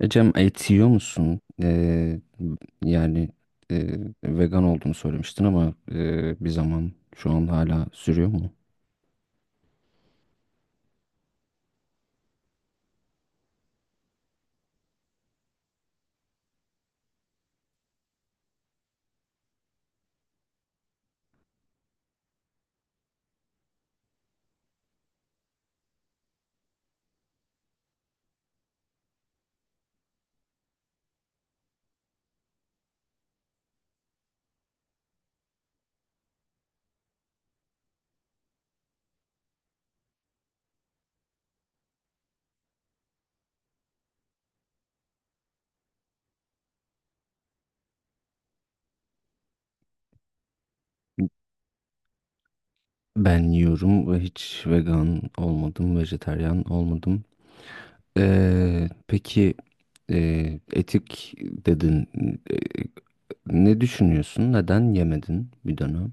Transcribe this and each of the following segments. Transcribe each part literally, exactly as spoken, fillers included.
Ecem, et yiyor musun? Ee, yani e, vegan olduğunu söylemiştin ama e, bir zaman şu an hala sürüyor mu? Ben yiyorum ve hiç vegan olmadım, vejetaryen olmadım. Ee, peki, e, etik dedin. E, Ne düşünüyorsun? Neden yemedin bir dönem?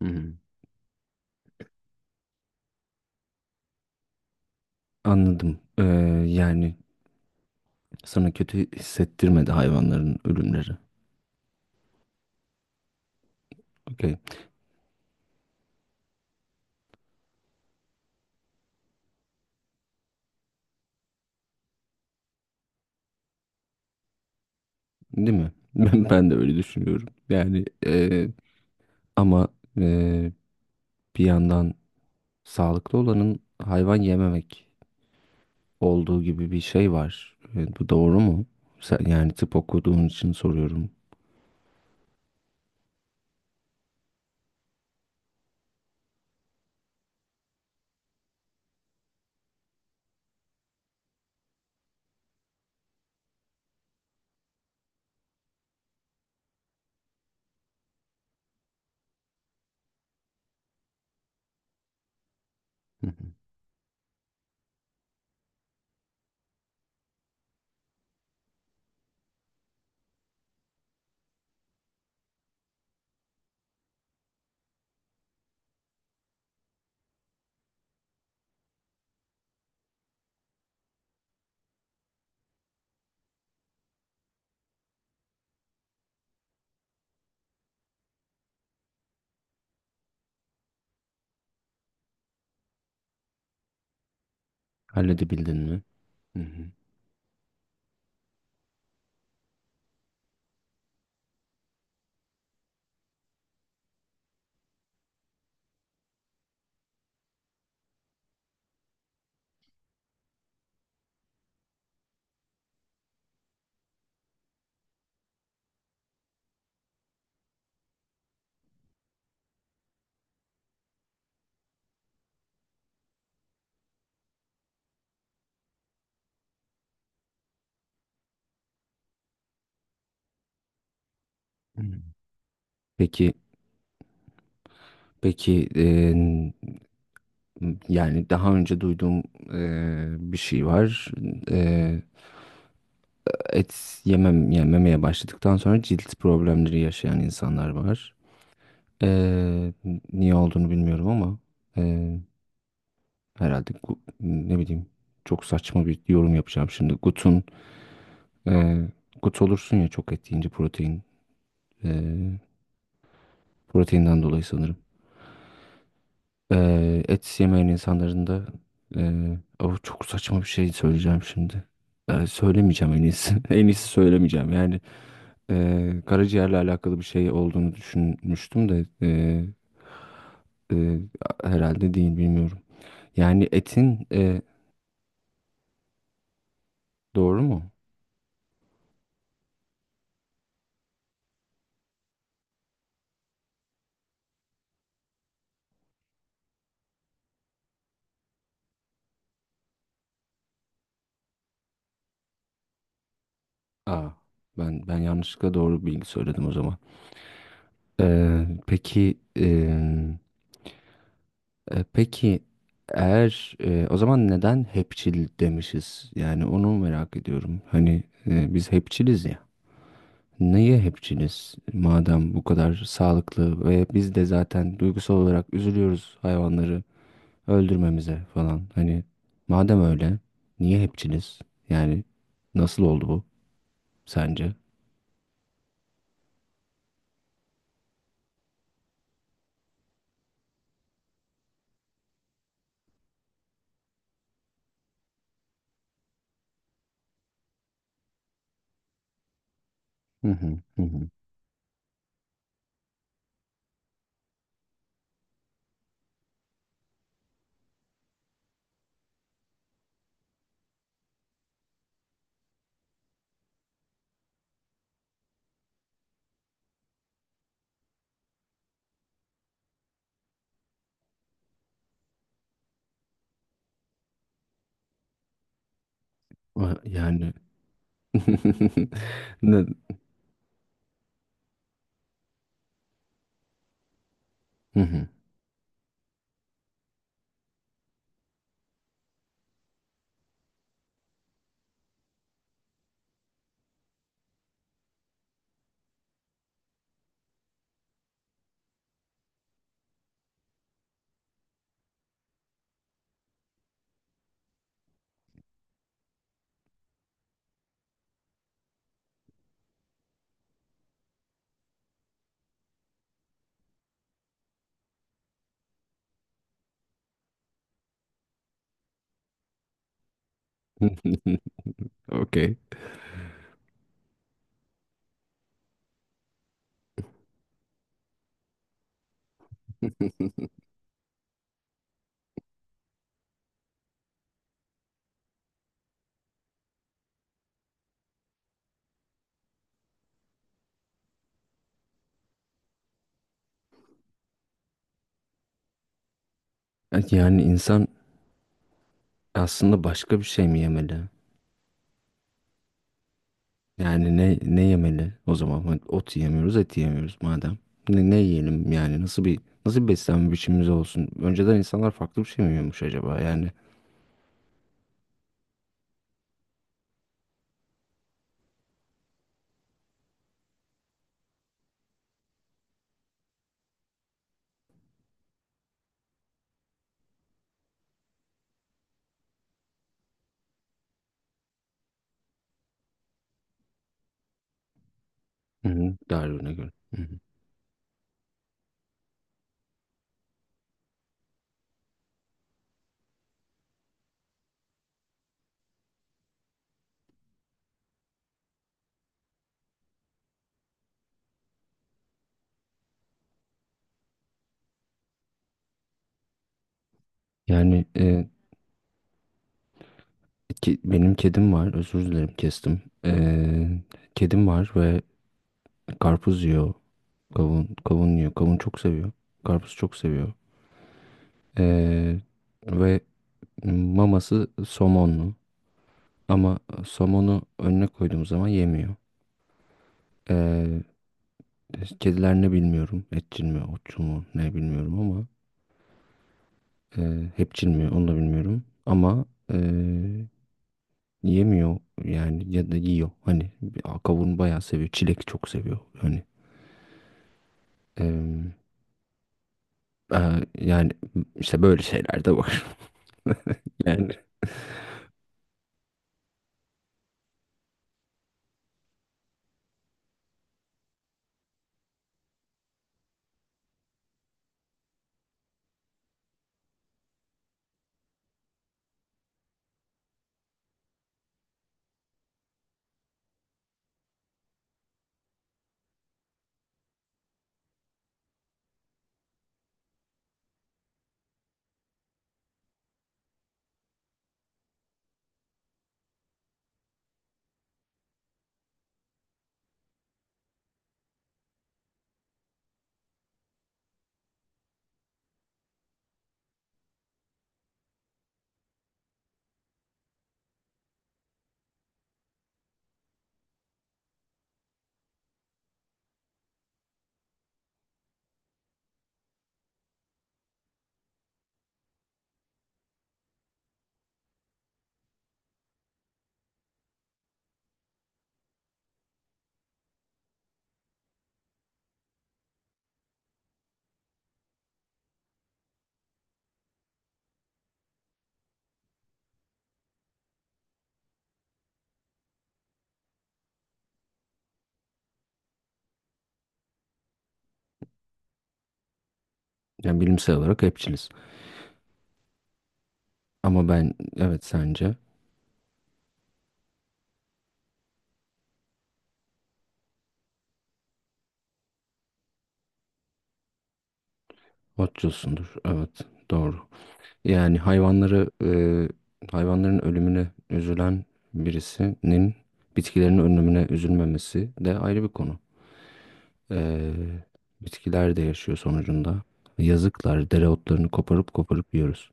Hmm. Anladım. Ee, yani sana kötü hissettirmedi hayvanların ölümleri. Okey. Değil mi? Ben, ben de öyle düşünüyorum. Yani e, ama e, bir yandan sağlıklı olanın hayvan yememek olduğu gibi bir şey var. E, bu doğru mu? Sen, yani tıp okuduğun için soruyorum. Hı hı. Halledebildin mi? Hı hı. Hı. Peki, peki e, yani daha önce duyduğum e, bir şey var. E, et yemem, Yani yememeye başladıktan sonra cilt problemleri yaşayan insanlar var. Ee, Niye olduğunu bilmiyorum ama ee, herhalde gu- ne bileyim, çok saçma bir yorum yapacağım şimdi. Gut'un ee, Gut olursun ya çok et yiyince protein, ee, proteinden dolayı sanırım. Ee, et yemeyen insanların da ee, oh, çok saçma bir şey söyleyeceğim şimdi. Ee, söylemeyeceğim, en iyisi. En iyisi söylemeyeceğim. Yani ee, karaciğerle alakalı bir şey olduğunu düşünmüştüm de ee, ee, herhalde değil, bilmiyorum. Yani etin. Doğru mu? Aa, ben ben yanlışlıkla doğru bilgi söyledim o zaman. Ee, peki em, e, peki eğer e, o zaman neden hepçil demişiz? Yani onu merak ediyorum. Hani e, biz hepçiliz ya. Niye hepçiliz? Madem bu kadar sağlıklı ve biz de zaten duygusal olarak üzülüyoruz hayvanları öldürmemize falan. Hani madem öyle, niye hepçiliz? Yani nasıl oldu bu sence? Hı hı hı. Hı. Ah, yani. Ne- Hı hı. Okey. Evet, yani insan aslında başka bir şey mi yemeli? Yani ne ne yemeli o zaman? Hani ot yemiyoruz, et yemiyoruz madem. Ne, ne yiyelim yani? Nasıl bir nasıl bir beslenme biçimimiz olsun? Önceden insanlar farklı bir şey mi yiyormuş acaba? Yani. Hı hı. Darwin'e göre. Hı hı. Yani e, ki- benim kedim var. Özür dilerim, kestim. E, kedim var ve karpuz yiyor. Kavun, kavun yiyor. Kavun çok seviyor. Karpuz çok seviyor. Ee, Ve maması somonlu. Ama somonu önüne koyduğum zaman yemiyor. Ee, Kediler ne bilmiyorum. Etçil mi, otçul mu ne bilmiyorum ama e, hepçil mi onu da bilmiyorum. Ama e, yemiyor yani ya da yiyor. Hani bir- kavun bayağı seviyor. Çilek çok seviyor. Hani em, e, yani işte böyle şeyler de var. Yani, Yani bilimsel olarak hepçiliz. Ama ben evet sence otçulsundur. Evet, doğru. Yani hayvanları e, hayvanların ölümüne üzülen birisinin bitkilerin ölümüne üzülmemesi de ayrı bir konu. E, Bitkiler de yaşıyor sonucunda. Yazıklar, dereotlarını koparıp koparıp yiyoruz.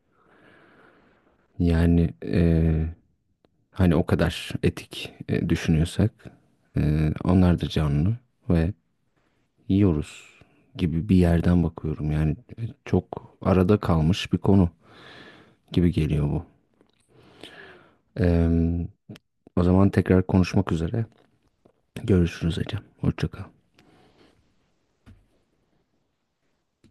Yani e, Hani o kadar etik e, düşünüyorsak e, onlar da canlı ve yiyoruz gibi bir yerden bakıyorum. Yani e, çok arada kalmış bir konu gibi geliyor bu. Eee, O zaman tekrar konuşmak üzere. Görüşürüz Ecem. Hoşça kal.